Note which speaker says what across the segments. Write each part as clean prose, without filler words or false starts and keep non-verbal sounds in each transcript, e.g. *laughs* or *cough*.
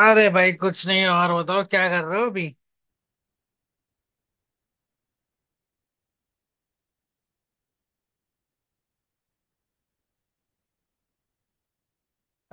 Speaker 1: अरे भाई कुछ नहीं। और बताओ क्या कर रहे हो अभी।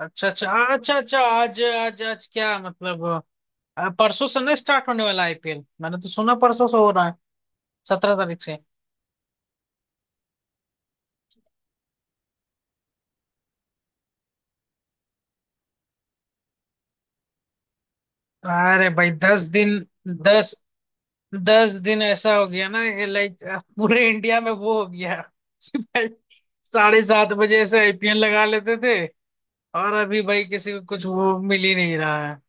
Speaker 1: अच्छा अच्छा। हाँ, अच्छा अच्छा। आज आज आज क्या मतलब परसों से ना स्टार्ट होने वाला आईपीएल। मैंने तो सुना परसों से हो रहा है, 17 तारीख से। अरे भाई दस दिन। दस दस दिन ऐसा हो गया ना कि लाइक पूरे इंडिया में वो हो गया कि भाई 7:30 बजे ऐसे आईपीएल लगा लेते थे, और अभी भाई किसी को कुछ वो मिल ही नहीं रहा है।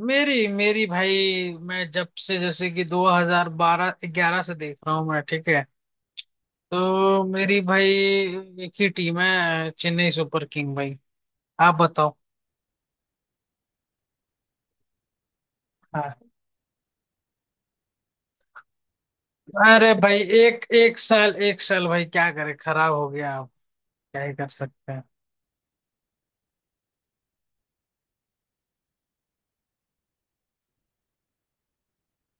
Speaker 1: मेरी मेरी भाई, मैं जब से जैसे कि 2012 11 से देख रहा हूँ मैं, ठीक है। तो मेरी भाई एक ही टीम है, चेन्नई सुपर किंग भाई। आप बताओ। हाँ। अरे भाई, एक एक साल, एक साल भाई क्या करे, खराब हो गया। आप क्या ही कर सकते हैं।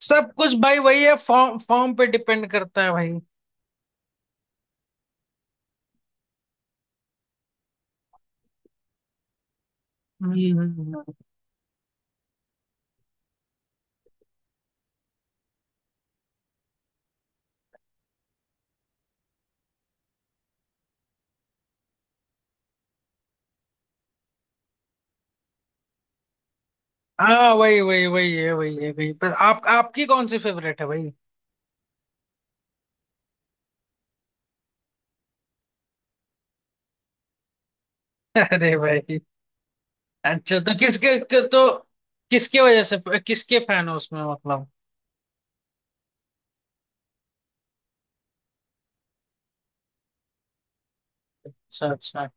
Speaker 1: सब कुछ भाई वही है, फॉर्म फॉर्म पे डिपेंड करता है भाई। हम्म। हम्म। हम्म। हाँ वही वही वही है, वही है भाई। पर आप, आपकी कौन सी फेवरेट है भाई? *laughs* अरे भाई, अच्छा तो तो किसके वजह से, किसके फैन हो उसमें, मतलब? अच्छा अच्छा।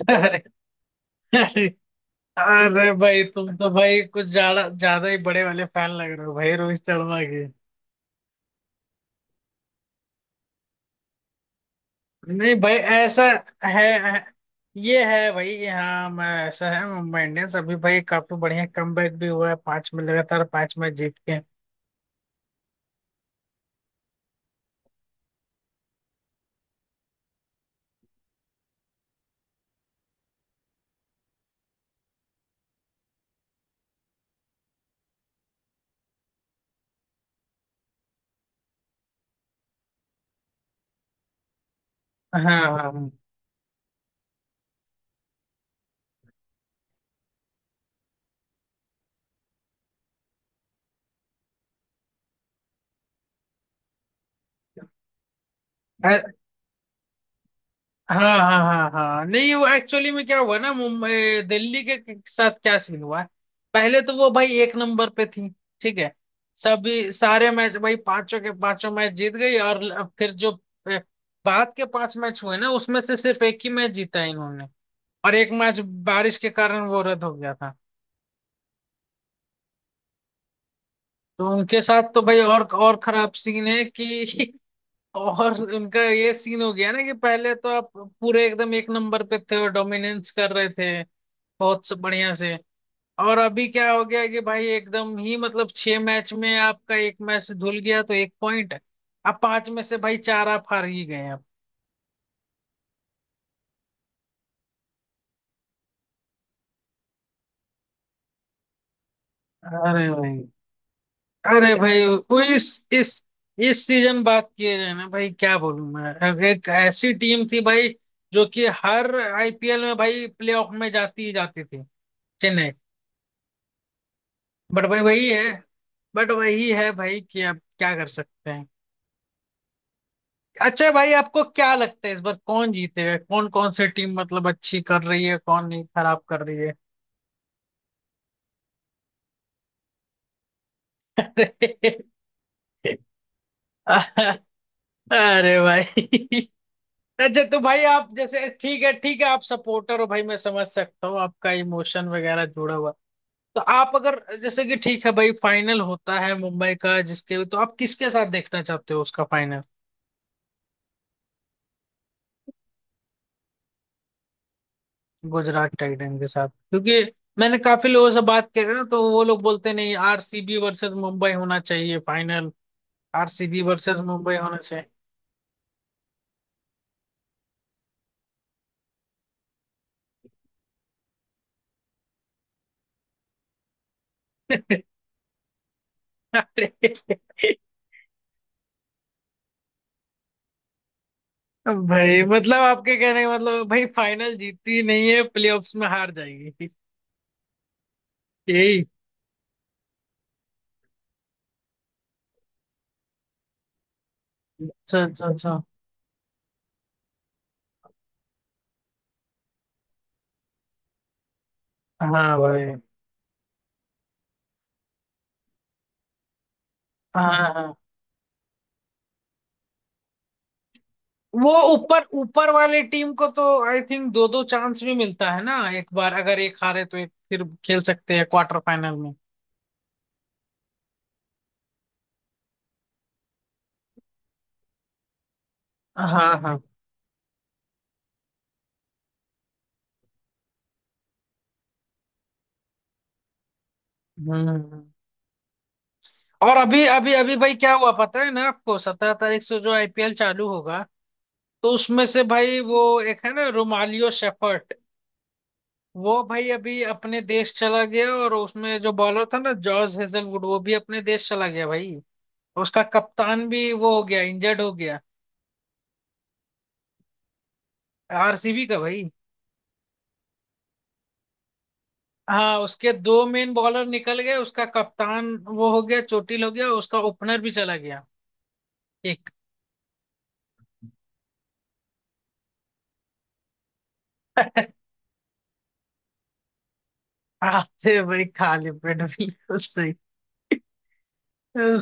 Speaker 1: अरे अरे अरे भाई, तुम तो भाई कुछ ज्यादा ज्यादा ही बड़े वाले फैन लग रहे हो भाई रोहित शर्मा के। नहीं भाई ऐसा है। ये है भाई। हाँ, मैं ऐसा है, मुंबई इंडियंस अभी भाई काफी बढ़िया कमबैक भी हुआ है, पांच में लगातार पांच मैच जीत के। हाँ हाँ हाँ। हाँ नहीं, वो एक्चुअली में क्या हुआ ना, मुंबई दिल्ली के साथ क्या सीन हुआ है, पहले तो वो भाई एक नंबर पे थी, ठीक है। सभी सारे मैच भाई पांचों के पांचों मैच जीत गई। और फिर जो अ, बाद के पांच मैच हुए ना, उसमें से सिर्फ एक ही मैच जीता है इन्होंने। और एक मैच बारिश के कारण वो रद्द हो गया था। तो उनके साथ तो भाई और खराब सीन है कि *laughs* और उनका ये सीन हो गया ना कि पहले तो आप पूरे एकदम एक नंबर पे थे और डोमिनेंस कर रहे थे, बहुत सब बढ़िया से। और अभी क्या हो गया कि भाई एकदम ही, मतलब छह मैच में आपका एक मैच धुल गया तो एक पॉइंट, अब पांच में से भाई चार आप हार ही गए अब। अरे भाई अरे भाई, वो इस सीजन बात किए जाए ना भाई, क्या बोलूं मैं, अब एक ऐसी टीम थी भाई जो कि हर आईपीएल में भाई प्लेऑफ में जाती ही जाती थी, चेन्नई। बट भाई वही है। बट वही है भाई कि अब क्या कर सकते हैं। अच्छा भाई, आपको क्या लगता है इस बार कौन जीतेगा? कौन कौन सी टीम मतलब अच्छी कर रही है, कौन नहीं खराब कर रही है? *laughs* अरे, अरे भाई अच्छा, तो भाई आप जैसे, ठीक है ठीक है, आप सपोर्टर हो भाई, मैं समझ सकता हूँ आपका इमोशन वगैरह जुड़ा हुआ। तो आप अगर, जैसे कि ठीक है भाई, फाइनल होता है मुंबई का, जिसके तो आप किसके साथ देखना चाहते हो उसका फाइनल? गुजरात टाइटन के साथ, क्योंकि मैंने काफी लोगों से बात करी ना तो वो लोग बोलते नहीं, आरसीबी वर्सेस मुंबई होना चाहिए फाइनल। आरसीबी वर्सेस मुंबई होना चाहिए। *laughs* अरे भाई, मतलब आपके कहने का मतलब भाई फाइनल जीतती नहीं है, प्लेऑफ्स में हार जाएगी, यही? अच्छा अच्छा अच्छा। हाँ भाई। हाँ हाँ हाँ। वो ऊपर ऊपर वाली टीम को तो आई थिंक दो दो चांस भी मिलता है ना, एक बार अगर एक हारे तो एक फिर खेल सकते हैं क्वार्टर फाइनल में। हाँ हाँ। हम्म। और अभी अभी अभी भाई क्या हुआ पता है ना आपको, 17 तारीख से जो आईपीएल चालू होगा तो उसमें से भाई वो एक है ना, रोमालियो शेफर्ट, वो भाई अभी अपने देश चला गया। और उसमें जो बॉलर था ना, जॉर्ज हेजलवुड, वो भी अपने देश चला गया भाई। उसका कप्तान भी वो हो गया, इंजर्ड हो गया। आरसीबी का भाई। हाँ उसके दो मेन बॉलर निकल गए, उसका कप्तान वो हो गया, चोटिल हो गया, उसका ओपनर भी चला गया एक। *laughs* आते भाई खाली पेट भी। सही,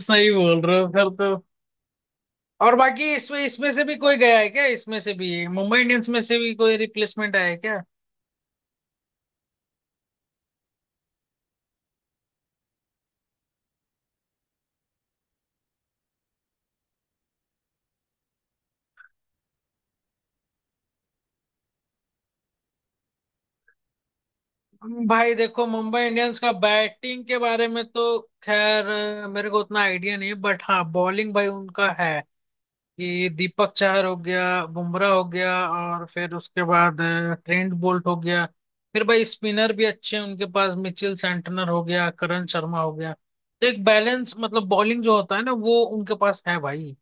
Speaker 1: सही बोल रहे हो फिर तो। और बाकी इसमें इसमें से भी कोई गया है क्या? इसमें से भी मुंबई इंडियंस में से भी कोई रिप्लेसमेंट आया है क्या? भाई देखो मुंबई इंडियंस का बैटिंग के बारे में तो खैर मेरे को उतना आइडिया नहीं है। बट हाँ बॉलिंग भाई उनका है कि दीपक चाहर हो गया, बुमराह हो गया, और फिर उसके बाद ट्रेंट बोल्ट हो गया। फिर भाई स्पिनर भी अच्छे हैं उनके पास, मिचेल सेंटनर हो गया, करण शर्मा हो गया। तो एक बैलेंस मतलब बॉलिंग जो होता है ना वो उनके पास है भाई।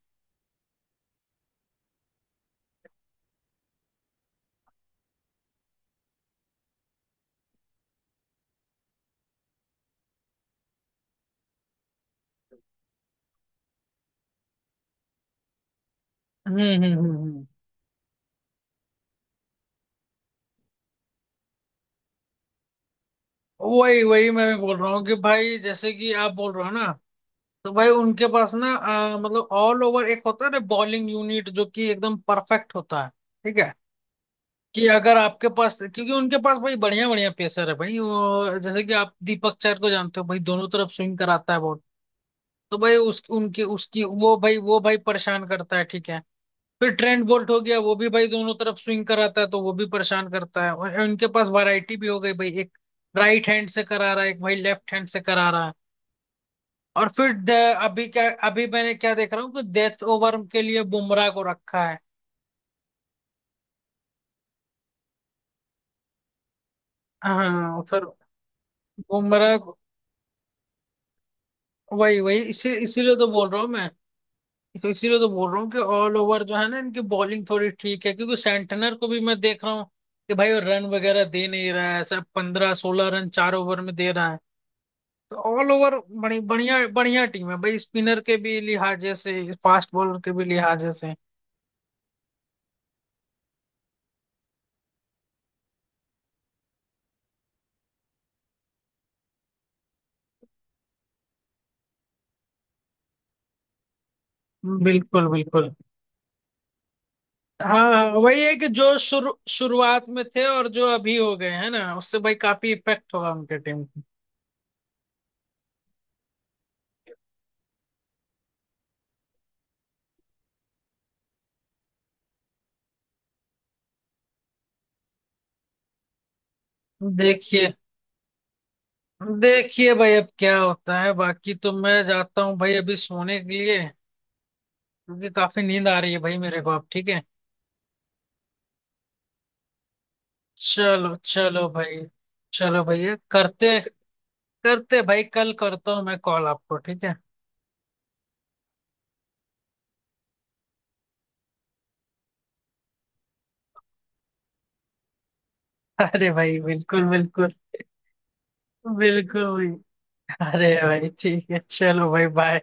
Speaker 1: हम्म। वही वही मैं भी बोल रहा हूँ कि भाई, जैसे कि आप बोल रहे हो ना, तो भाई उनके पास ना मतलब ऑल ओवर एक होता है ना बॉलिंग यूनिट, जो कि एकदम परफेक्ट होता है ठीक है, कि अगर आपके पास, क्योंकि उनके पास भाई बढ़िया बढ़िया पेसर है भाई वो, जैसे कि आप दीपक चहर को जानते हो भाई, दोनों तरफ स्विंग कराता है बहुत। तो भाई उस उनके उसकी वो भाई परेशान करता है ठीक है। फिर ट्रेंट बोल्ट हो गया, वो भी भाई दोनों तरफ स्विंग कराता है तो वो भी परेशान करता है। और इनके पास वैरायटी भी हो गई भाई, एक राइट हैंड से करा रहा है, एक भाई लेफ्ट हैंड से करा रहा है। और फिर अभी क्या, अभी मैंने क्या देख रहा हूँ कि डेथ ओवर के लिए बुमराह को रखा है। हाँ और फिर बुमराह को- वही वही इसी इसीलिए तो बोल रहा हूँ मैं, तो इसीलिए तो बोल रहा हूँ कि ऑल ओवर जो है ना, इनकी बॉलिंग थोड़ी ठीक है क्योंकि सेंटनर को भी मैं देख रहा हूँ कि भाई वो रन वगैरह दे नहीं रहा है, सब 15 16 रन 4 ओवर में दे रहा है। तो ऑल ओवर बड़ी बढ़िया बढ़िया टीम है भाई, स्पिनर के भी लिहाजे से, फास्ट बॉलर के भी लिहाजे से। बिल्कुल बिल्कुल। हाँ हाँ, वही है कि जो शुरू शुरुआत में थे और जो अभी हो गए हैं ना, उससे भाई काफी इफेक्ट होगा उनके टीम को। देखिए, देखिए भाई अब क्या होता है। बाकी तो मैं जाता हूँ भाई अभी सोने के लिए, क्योंकि काफी नींद आ रही है भाई मेरे को अब, ठीक है। चलो चलो भाई, चलो भैया, करते करते भाई, कल करता हूँ मैं कॉल आपको ठीक है। अरे भाई बिल्कुल बिल्कुल। बिल्कुल भाई। अरे भाई ठीक है, चलो भाई, बाय।